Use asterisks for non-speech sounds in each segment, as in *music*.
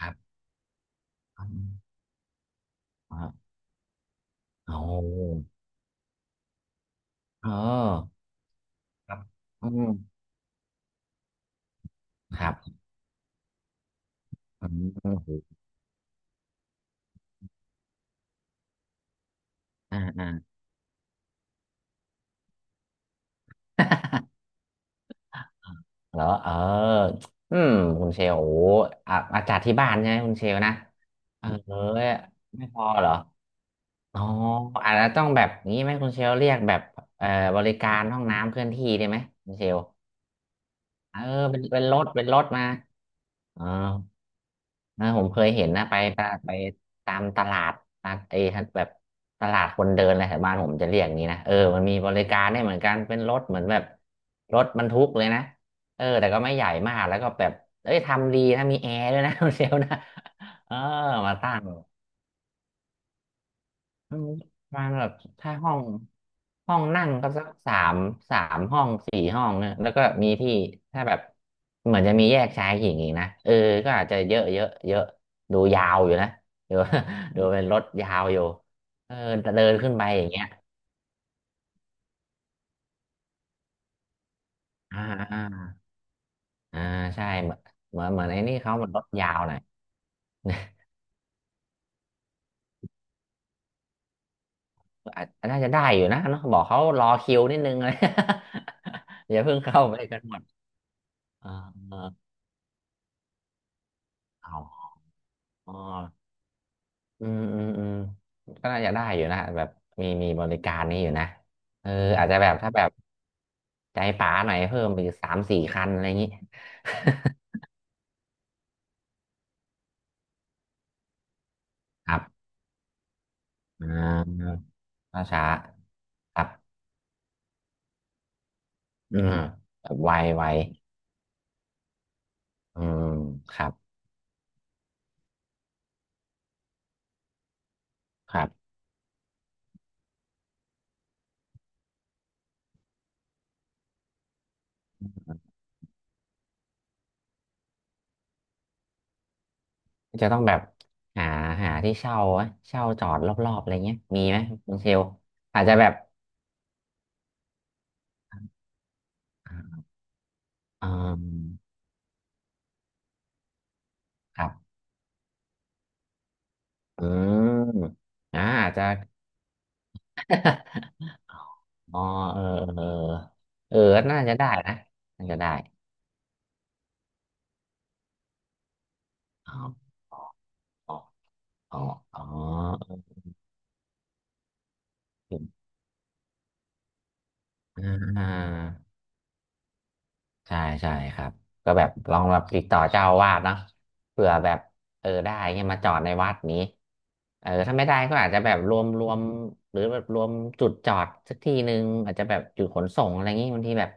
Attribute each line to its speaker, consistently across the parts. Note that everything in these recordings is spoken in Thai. Speaker 1: ครับอืมอ๋อโอ้เออครับอืมครับอืมโหอ่า *laughs* เหรอเอออืมคุณเชลโอ้โหอ่ะอาจัดที่บ้านใช่ไหมคุณเชลนะเออไม่พอเหรออ๋ออาจจะต้องแบบนี้ไหมคุณเชลเรียกแบบเอ่อบริการห้องน้ำเคลื่อนที่ได้ไหมคุณเชลเออเป็นรถเป็นรถมาอ๋อ นะผมเคยเห็นนะไปไปตามตลาดนะไอ้แบบตลาดคนเดินอะไรแถวบ้านผมจะเรียกอย่างนี้นะเออมันมีบริการได้เหมือนกันเป็นรถเหมือนแบบรถบรรทุกเลยนะเออแต่ก็ไม่ใหญ่มากแล้วก็แบบเอ้ยทำดีนะมีแอร์ด้วยนะ *laughs* เซลนะเออมาตั้ง อืมประมาณแบบถ้าห้องนั่งก็สักสามสามห้องสี่ห้องเนี่ยแล้วก็มีที่ถ้าแบบเหมือนจะมีแยกชายหญิงอีกนะเออก็อาจจะเยอะเยอะเยอะดูยาวอยู่นะดู *laughs* ดูเป็นรถยาวอยู่เออเดินขึ้นไปอย่างเงี้ยอ่าอ่าอ่าใช่เหมือนเหมือนไอ้นี่เขาเหมือนรถยาวหน่อยอาจน่าจะได้อยู่นะเนาะบอกเขารอคิวนิดนึงเลย *laughs* อย่าเพิ่งเข้าไปกันหมดอ่าเอาอ๋อ อืมอืมอืมก็น่าจะได้อยู่นะแบบมีบริการนี้อยู่นะเอออาจจะแบบถ้าแบบใจป๋าหน่อยเพิ่มไปอีกสามสี่คันอะไรอย่างนี้ *laughs* ครับอ่าช้าช้าครับอืมแบบไวไวอืมครับครับจะต้องแบบหาหาที่เช่าไหมเช่าจอดรอบๆอะไรเงี้ยมีไหมคุณเชลอาจจะแบบอืมครับอืมอ่าอาจจะ *laughs* อ๋อเออเออเออเออน่าจะได้นะน่าจะได้อ๋ออ๋ออ๋ออ๋ออ่า ใช่ใช่ครับก็แบบลองแบบติดต่อเจ้าอาวาสเนาะเผื่อแบบเออได้เงี้ยมาจอดในวัดนี้เออถ้าไม่ได้ก็อาจจะแบบรวมหรือแบบรวมจุดจอดสักที่หนึ่งอาจจะแบบจุดขนส่งอะไรเงงี้ยบางทีแบบ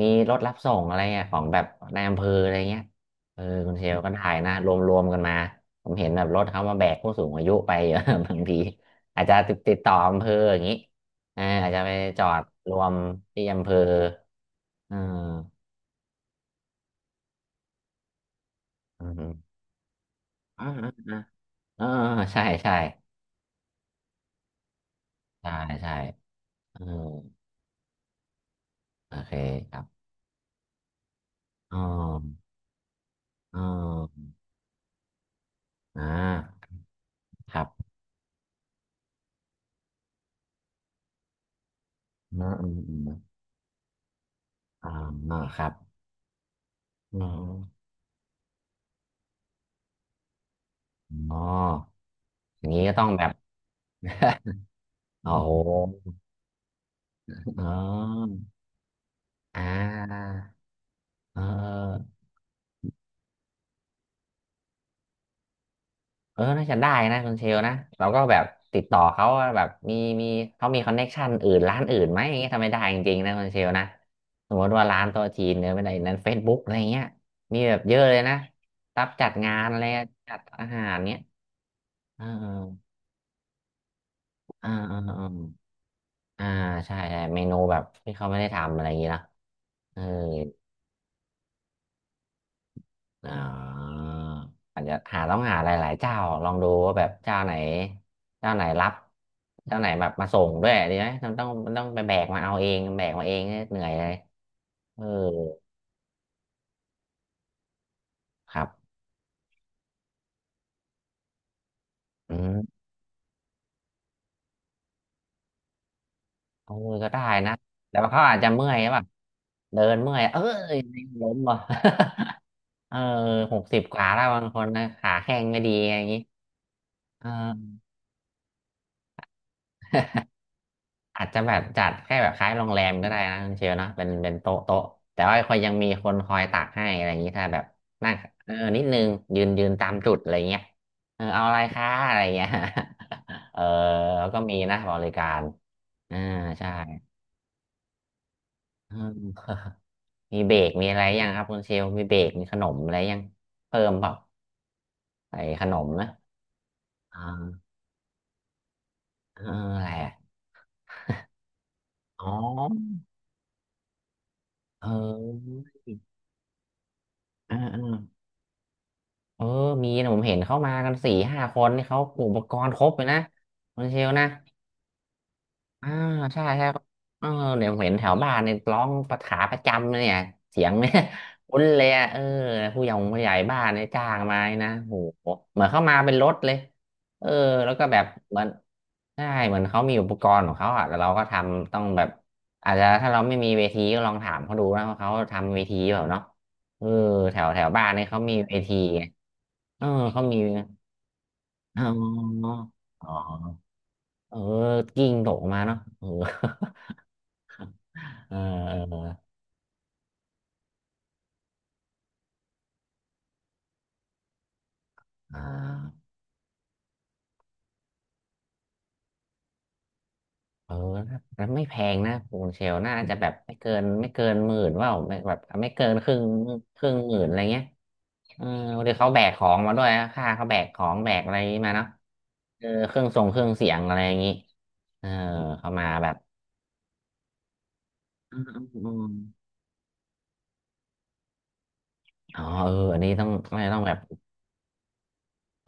Speaker 1: มีรถรับส่งอะไรเงี้ยของแบบนายอำเภออะไรเงี้ยเออคุณเชลก็ได้นะรวมรวมกันมาผมเห็นแบบรถเขามาแบกผู้สูงอายุไปเยอะ *laughs* บางทีอาจจะติดต่ออำเภออย่างนี้เอออาจจะไปจอดรวมที่อำเภอเอออืม อ่าอ่าอ่าเออใช่ใช่ใช่ใช่เออโอเคครับอ๋ออ๋ออ่าครับเนอะอืมอืมอ่าเนอะครับอืมอมอ๋ออย่างนี้ก็ต้องแบบ *laughs* โอ้โหอ๋ออ่าเออ เออ น่าจะได้นะคุณเชลนะเราก็แบบติดต่อเขาว่าแบบมีเขามีคอนเน็กชันอื่นร้านอื่นไหมอย่างเงี้ยทำไม่ได้จริงๆนะคุณเชลนะสมมติว่าร้านโตัวจีนเนี่ยไม่ได้นั้นเฟซบุ๊กอะไรเงี้ยมีแบบเยอะเลยนะรับจัดงานอะไรจัดอาหารเนี้ยเออเออเออเออเอออ่าใช่ใช่เมนูแบบที่เขาไม่ได้ทำอะไรอย่างเงี้ยเนอะเออ อ่าอาจจะหาต้องหาหลายๆเจ้าลองดูว่าแบบเจ้าไหนเจ้าไหนรับเจ้าไหนแบบมาส่งด้วยดีไหมมันต้องไปแบกมาเอาเองแบกมาเองเนี่ยเหนื่อยเลยเออครับอืมเออก็ได้นะแต่ว่าเขาอาจจะเมื่อยหรือเปล่ะเดินเมื่อยเอยล้มว่ะ *laughs* เออ60กว่าแล้วบางคนนะขาแข้งไม่ดีอะไรอย่างงี้เออ อาจจะแบบจัดแค่แบบคล้ายโรงแรมก็ได้นะคุณเชลเนาะเป็นเป็นโต๊ะโต๊ะแต่ว่าคอยยังมีคนคอยตักให้อะไรอย่างนี้ถ้าแบบนั่งเออนิดนึงยืนตามจุดอะไรเงี้ยเออเอาอะไรคะอะไรเงี้ย *laughs* เออแล้วก็มีนะบริการอ่าใช่เออมีเบรกมีอะไรยังครับคุณเชลมีเบรกมีขนมอะไรยังเพิ่มเปล่าไอ้ขนมนะอ่าเอออะไรอะอ๋อเออเออเออ เออมีนะผมเห็นเข้ามากันสี่ห้าคนนี่เขาอุปกรณ์ครบเลยนะคุณเชลนะอ่าใช่ใช่เออเดี๋ยวผมเห็นแถวบ้านเนี่ยร้องประขาประจำเลยเนี่ยเสียงเนี่ย *laughs* คุ้นเลยอะเออผู้ใหญ่บ้านเนี่ยจ้างมานะโหเหมือนเข้ามาเป็นรถเลยเออแล้วก็แบบเหมือนใช่เหมือนเขามีอุปกรณ์ของเขาอะแล้วเราก็ทำต้องแบบอาจจะถ้าเราไม่มีเวทีก็ลองถามเขาดูนะว่าเขาทำเวทีแบบเปล่าเนาะเออแถวแถวบ้านเนี่ยเขามีเวทีไงเออเขามี อ๋ออ๋อเออกิ้งตกมาเนาะเออ *laughs* เออเอออ่าเออแล้วไม่แพงนะปูนเชลน่าจะแบบไม่เกินหมื่นว่าไม่แบบไม่เกินครึ่งครึ่งหมื่นอะไรเงี้ยเออเดี๋ยวเขาแบกของมาด้วยนะค่าเขาแบกของแบกอะไรมาเนาะเออเครื่องทรงเครื่องเสียงอะไรอย่างงี้เออเขามาแบบอืมอ๋อเอออันนี้ต้องไม่ต้องแบบ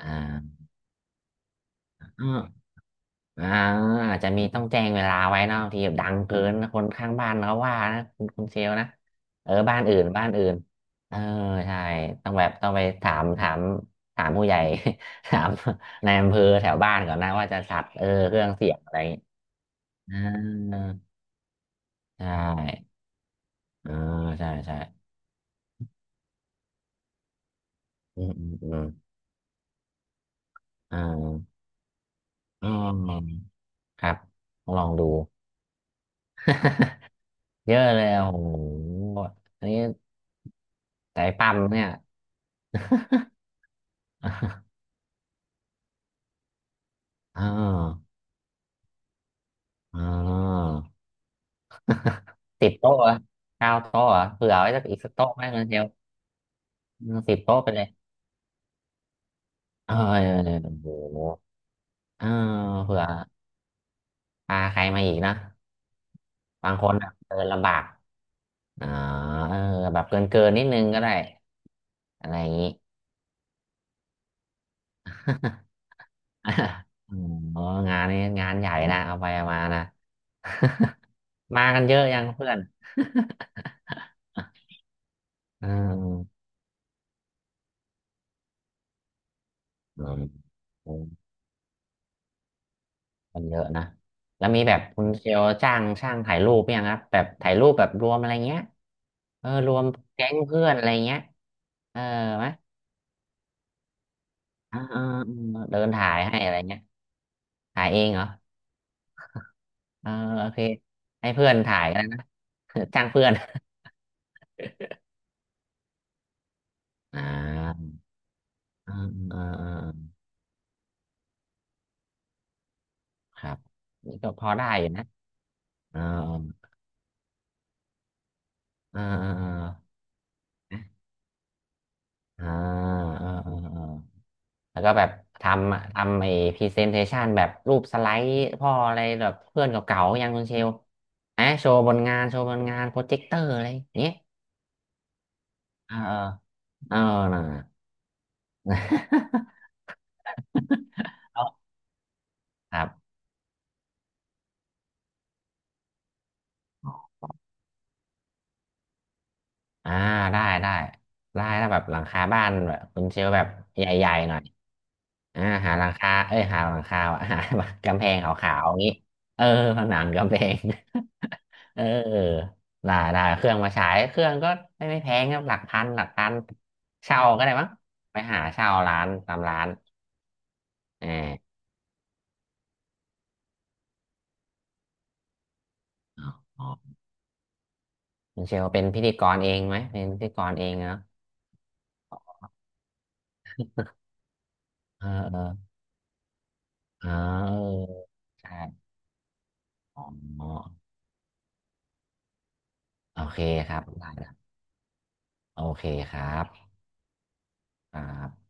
Speaker 1: อ่า อ่าอาจจะมีต้องแจ้งเวลาไว้นะบางทีแบบดังเกินนะคนข้างบ้านเขาว่านะคุณเชลนะเออบ้านอื่นเออใช่ต้องแบบต้องไปถามผู้ใหญ่ *laughs* ถามในายอำเภอแถวบ้านก่อนนะว่าจะสัตว์เออเครื่องเสียงอะไรอย่างงี้อ่าใช่อ่าใช่ใช่อืมอ่าออครับต้องลองดู *laughs* เยอะเลยโอ้โหอันนี้ใจปั๊มเนี่ย *laughs* อ่าอ่า *laughs* สิบโต๊ะเหรอเก้าโต๊ะเหรอเผื่อไว้สักอีกสักโต๊ะไหมเงินเดียวสิบโต๊ะไปเลยเออเออเออโอ้โหเออเผื่อพาใครมาอีกนะบางคนอะเดินลำบากอ่าเออแบบเกินนิดนึงก็ได้ อะไรอย่างนี้ *laughs* อ๋องานนี้งานใหญ่นะเอาไปเอามานะ *laughs* มากันเยอะยังเพื่อน *laughs* เออเออ มันเยอะนะแล้วมีแบบคุณเชลจ้างช่างถ่ายรูปยังครับแบบถ่ายรูปแบบรวมอะไรเงี้ยเออรวมแก๊งเพื่อนอะไรเงี้ยเออไหมอ่าอ่าอืมเดินถ่ายให้อะไรเงี้ยถ่ายเองเหรอเออโอเคให้เพื่อนถ่ายกันนะ *laughs* จ้างเพื่อนอ่าอ่าอ่าอ่าครับนี่ก็พอได้อยู่นะอ่าอ่าอ่าอ่าอ่าอ่าอ่า แล้วก็แบบทำไอ้พรีเซนเทชันแบบรูปสไลด์พ่ออะไรแบบเพื่อนเก่าๆยังคุณเชลนะโชว์บนงานโชว์บนงานโปรเจคเตอร์อะไรอย่างเงี้ยเออเออเออน่ะ *laughs* เอาครับอ่าได้ได้ถ้าแบบหลังคาบ้านแบบคุณเชลแบบใหญ่ๆหน่อย อ่าหาหลังคาเอ้ยหาหลังคาว่ะ *laughs* หากำแพงขาวๆอย่างนี้เออผนังกำแพง *laughs* เออได้เครื่องมาฉายเครื่องก็ไม่แพงครับหลักพันหลักพันเช่าก็ได้มั้งไปหาเช่าร้านตามร้านเอออ๋อคุณเชลเป็นพิธีกรเองไหมเป็นพิธีกรเองเนาะเออเอออ๋อเออใช่อ๋อโอเคครับได้ครับโอเคครับครับ